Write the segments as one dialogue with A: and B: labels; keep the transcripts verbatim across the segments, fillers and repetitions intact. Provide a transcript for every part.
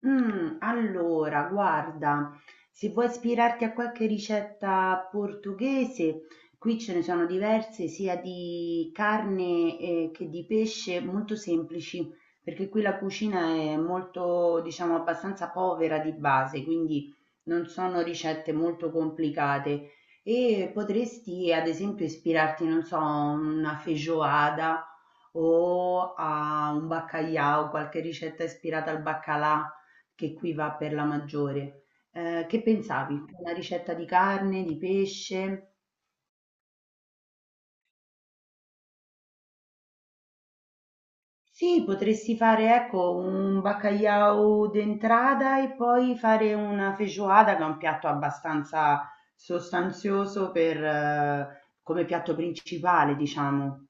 A: Mh, allora guarda, se vuoi ispirarti a qualche ricetta portoghese, qui ce ne sono diverse sia di carne, ehm, che di pesce, molto semplici, perché qui la cucina è molto diciamo abbastanza povera di base, quindi non sono ricette molto complicate. E potresti ad esempio ispirarti, non so, a una feijoada o a un baccalà, qualche ricetta ispirata al baccalà. Che qui va per la maggiore. Ehm, che pensavi? Una ricetta di carne, di pesce? Sì, potresti fare, ecco, un bacalhau d'entrada e poi fare una feijoada, che è un piatto abbastanza sostanzioso per eh, come piatto principale, diciamo.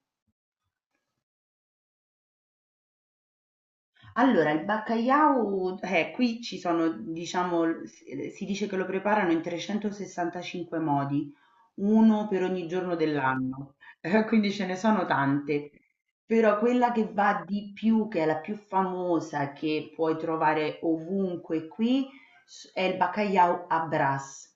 A: Allora, il bacalhau, eh, qui ci sono, diciamo, l s ehm, si dice che lo preparano in trecentosessantacinque modi, uno per ogni giorno dell'anno, quindi ce ne sono tante, però quella che va di più, che è la più famosa, che puoi trovare ovunque qui, s- è il bacalhau a Brás.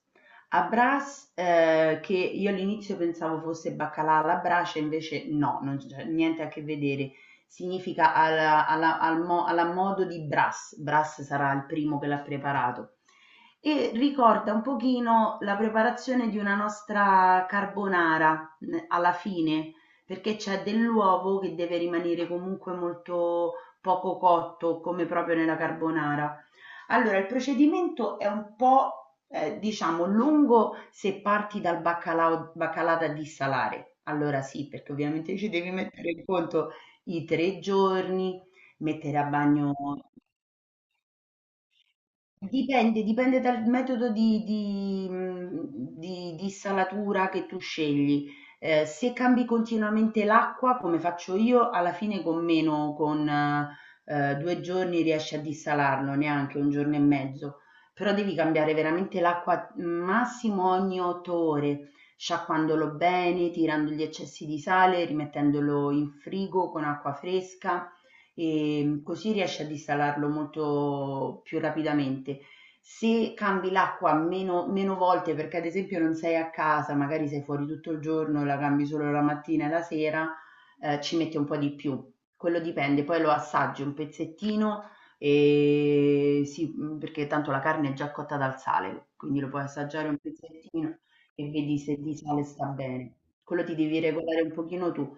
A: A Brás, eh, che io all'inizio pensavo fosse baccalà alla brace, invece no, non c'è niente a che vedere. Significa alla, alla- al mo- alla modo di Brás. Brás sarà il primo che l'ha preparato. E ricorda un pochino la preparazione di una nostra carbonara n- alla fine, perché c'è dell'uovo che deve rimanere comunque molto poco cotto, come proprio nella carbonara. Allora, il procedimento è un po', eh, diciamo, lungo se parti dal baccalà, baccalà da dissalare. Allora sì, perché ovviamente ci devi mettere in conto i tre giorni, mettere a bagno. Dipende, dipende dal metodo di, di, mh, di- di salatura che tu scegli. Eh, se cambi continuamente l'acqua, come faccio io, alla fine con meno, con eh, due giorni riesci a dissalarlo, neanche un giorno e mezzo. Però devi cambiare veramente l'acqua massimo ogni otto ore, sciacquandolo bene, tirando gli eccessi di sale, rimettendolo in frigo con acqua fresca, ehm, così riesci a installarlo molto più rapidamente. Se cambi l'acqua meno, meno volte, perché ad esempio non sei a casa, magari sei fuori tutto il giorno e la cambi solo la mattina e la sera, eh, ci mette un po' di più. Quello dipende, poi lo assaggi un pezzettino e sì, mh, perché tanto la carne è già cotta dal sale, quindi lo puoi assaggiare un pezzettino e vedi se di sale sta bene. Quello ti devi regolare un pochino tu.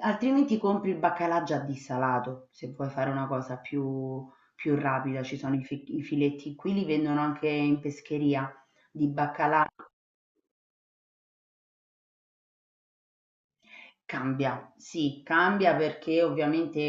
A: Altrimenti compri il baccalà già dissalato, se vuoi fare una cosa più, più rapida, ci sono i, fi- i filetti, qui li vendono anche in pescheria di baccalà, cambia, sì, cambia perché ovviamente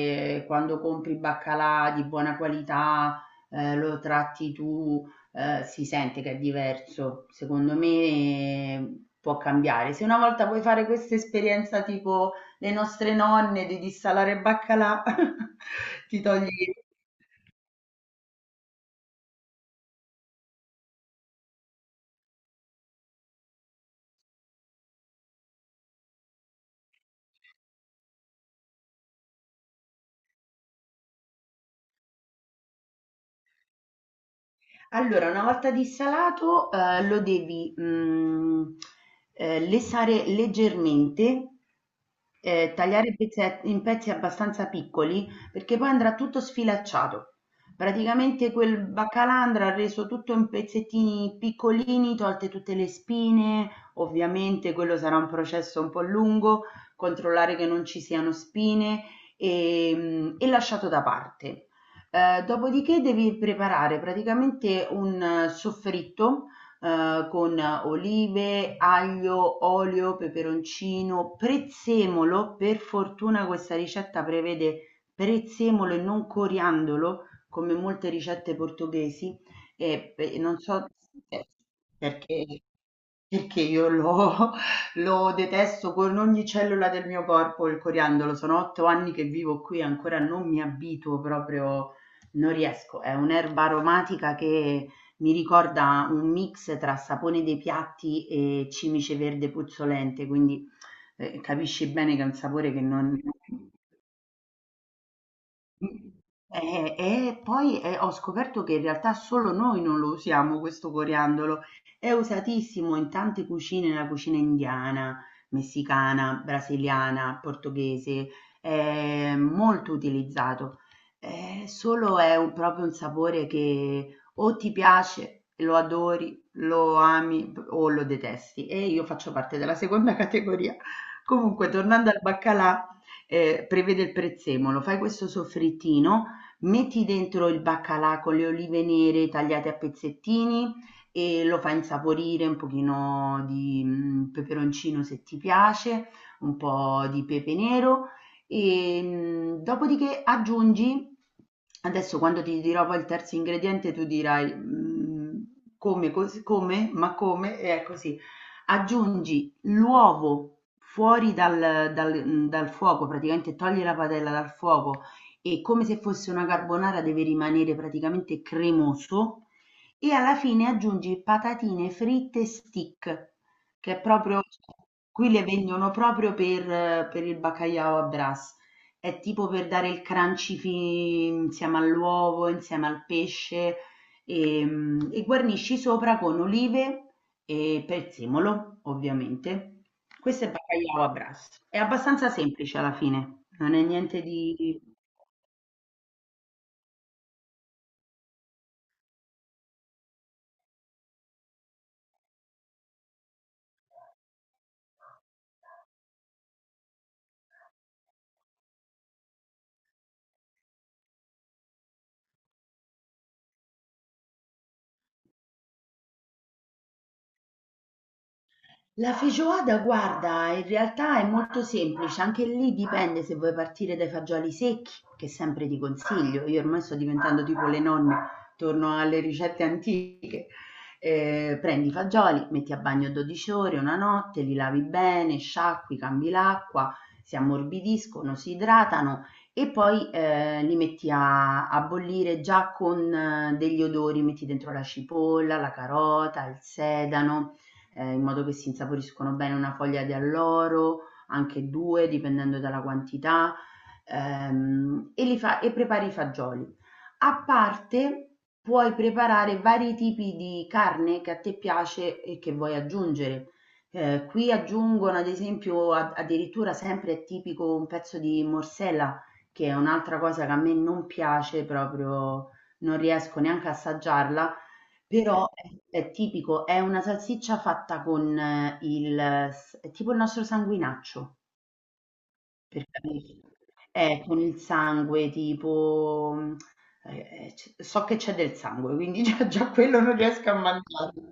A: eh, quando compri baccalà di buona qualità, eh, lo tratti tu, eh, si sente che è diverso, secondo me, eh, può cambiare. Se una volta vuoi fare questa esperienza tipo le nostre nonne di dissalare baccalà, ti togli. Allora, una volta dissalato, ehm, lo devi, mhmm, ehm, lesare leggermente, ehm, tagliare pezze in pezzi abbastanza piccoli, perché poi andrà tutto sfilacciato. Praticamente quel baccalà andrà reso tutto in pezzettini piccolini, tolte tutte le spine, ovviamente quello sarà un processo un po' lungo, controllare che non ci siano spine, ehm, e lasciato da parte. Ehm, dopodiché devi preparare praticamente un eh, soffritto, ehm, con olive, aglio, olio, peperoncino, prezzemolo. Per fortuna questa ricetta prevede prezzemolo e non coriandolo, come molte ricette portoghesi, e pe non so. Eh, perché perché io lo lo detesto con ogni cellula del mio corpo, il coriandolo. Sono otto anni che vivo qui e ancora non mi abituo proprio, non riesco. È un'erba aromatica che mi ricorda un mix tra sapone dei piatti e cimice verde puzzolente, quindi, ehm, capisci bene che è un sapore che non e, e poi eh, ho scoperto che in realtà solo noi non lo usiamo questo coriandolo, è usatissimo in tante cucine, nella cucina indiana, messicana, brasiliana, portoghese, è molto utilizzato. Eh, solo è un- proprio un sapore che o ti piace, lo adori, lo ami o lo detesti. E io faccio parte della seconda categoria. Comunque, tornando al baccalà, eh, prevede il prezzemolo, fai questo soffrittino, metti dentro il baccalà con le olive nere tagliate a pezzettini e lo fai insaporire un pochino di mm, peperoncino se ti piace, un po' di pepe nero e mm, dopodiché aggiungi, adesso quando ti dirò poi il terzo ingrediente tu dirai mm, come, cos- come, ma come, e è così aggiungi l'uovo fuori dal dal dal fuoco, praticamente toglie la padella dal fuoco e come se fosse una carbonara deve rimanere praticamente cremoso e alla fine aggiungi patatine fritte stick, che è proprio, qui le vendono proprio per per il baccalà à brace. È tipo per dare il crunchy fi insieme all'uovo, insieme al pesce, ehm, e guarnisci sopra con olive e prezzemolo, ovviamente. Questo è bacalhau à Brás. È abbastanza semplice alla fine, non è niente di. La feijoada guarda, in realtà è molto semplice, anche lì dipende se vuoi partire dai fagioli secchi, che sempre ti consiglio. Io ormai sto diventando tipo le nonne, torno alle ricette antiche. Eh, prendi i fagioli, metti a bagno dodici ore, una notte, li lavi bene, sciacqui, cambi l'acqua, si ammorbidiscono, si idratano e poi eh, li metti a, a bollire già con eh, degli odori, metti dentro la cipolla, la carota, il sedano, eh, in modo che si insaporiscono bene, una foglia di alloro, anche due, dipendendo dalla quantità, ehm, e, li fa- e prepari i fagioli. A parte puoi preparare vari tipi di carne che a te piace e che vuoi aggiungere. Eh, qui aggiungono ad esempio a- addirittura sempre è tipico un pezzo di morsella, che è un'altra cosa che a me non piace proprio, non riesco neanche a assaggiarla, però è, è tipico, è una salsiccia fatta con eh, il, s- è tipo il nostro sanguinaccio. Per capirci. Eh, con il sangue tipo, mhmm, ehm, c so che c'è del sangue, quindi già già quello non riesco a mangiarlo.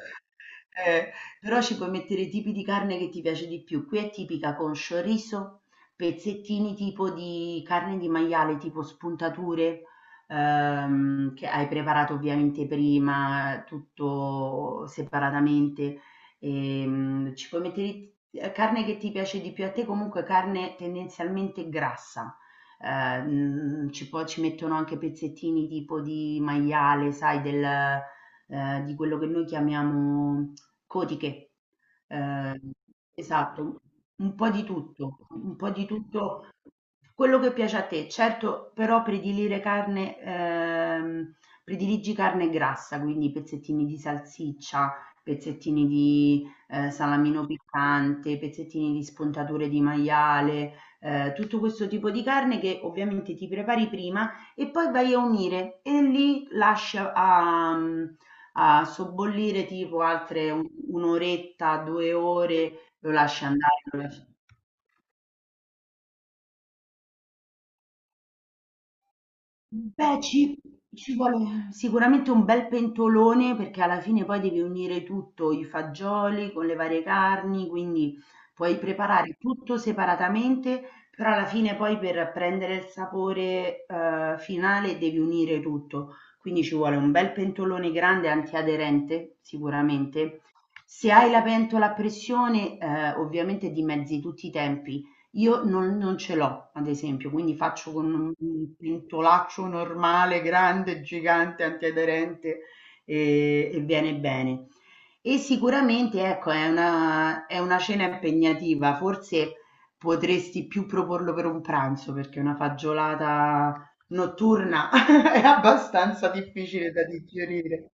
A: Eh, Però ci puoi mettere i tipi di carne che ti piace di più. Qui è tipica con chorizo, pezzettini tipo di carne di maiale, tipo spuntature, ehm, che hai preparato ovviamente prima, tutto separatamente. Ehm, ci puoi mettere ehm, carne che ti piace di più a te, comunque carne tendenzialmente grassa. Ehm, ci può ci mettono anche pezzettini tipo di maiale, sai, del, eh, di quello che noi chiamiamo cotiche. Ehm, esatto, un po' di tutto, un po' di tutto quello che piace a te. Certo, però predilire carne, ehm, prediligi carne grassa, quindi pezzettini di salsiccia, pezzettini di, ehm, salamino piccante, pezzettini di spuntature di maiale, ehm, tutto questo tipo di carne che ovviamente ti prepari prima e poi vai a unire e lì lasci a mhmm, a sobbollire tipo altre u un' oretta, due ore, lo lasci andare, lo lasci. Beh, ci, ci vuole sicuramente un bel pentolone perché alla fine poi devi unire tutto, i fagioli con le varie carni, quindi puoi preparare tutto separatamente, però alla fine poi per prendere il sapore eh, finale devi unire tutto. Quindi ci vuole un bel pentolone grande antiaderente, sicuramente. Se hai la pentola a pressione, eh, ovviamente dimezzi tutti i tempi. Io non non ce l'ho, ad esempio, quindi faccio con un un pentolaccio normale, grande, gigante, antiaderente, ehm, e viene bene. E sicuramente, ecco, è una è una cena impegnativa, forse potresti più proporlo per un pranzo, perché una fagiolata notturna è abbastanza difficile da digerire.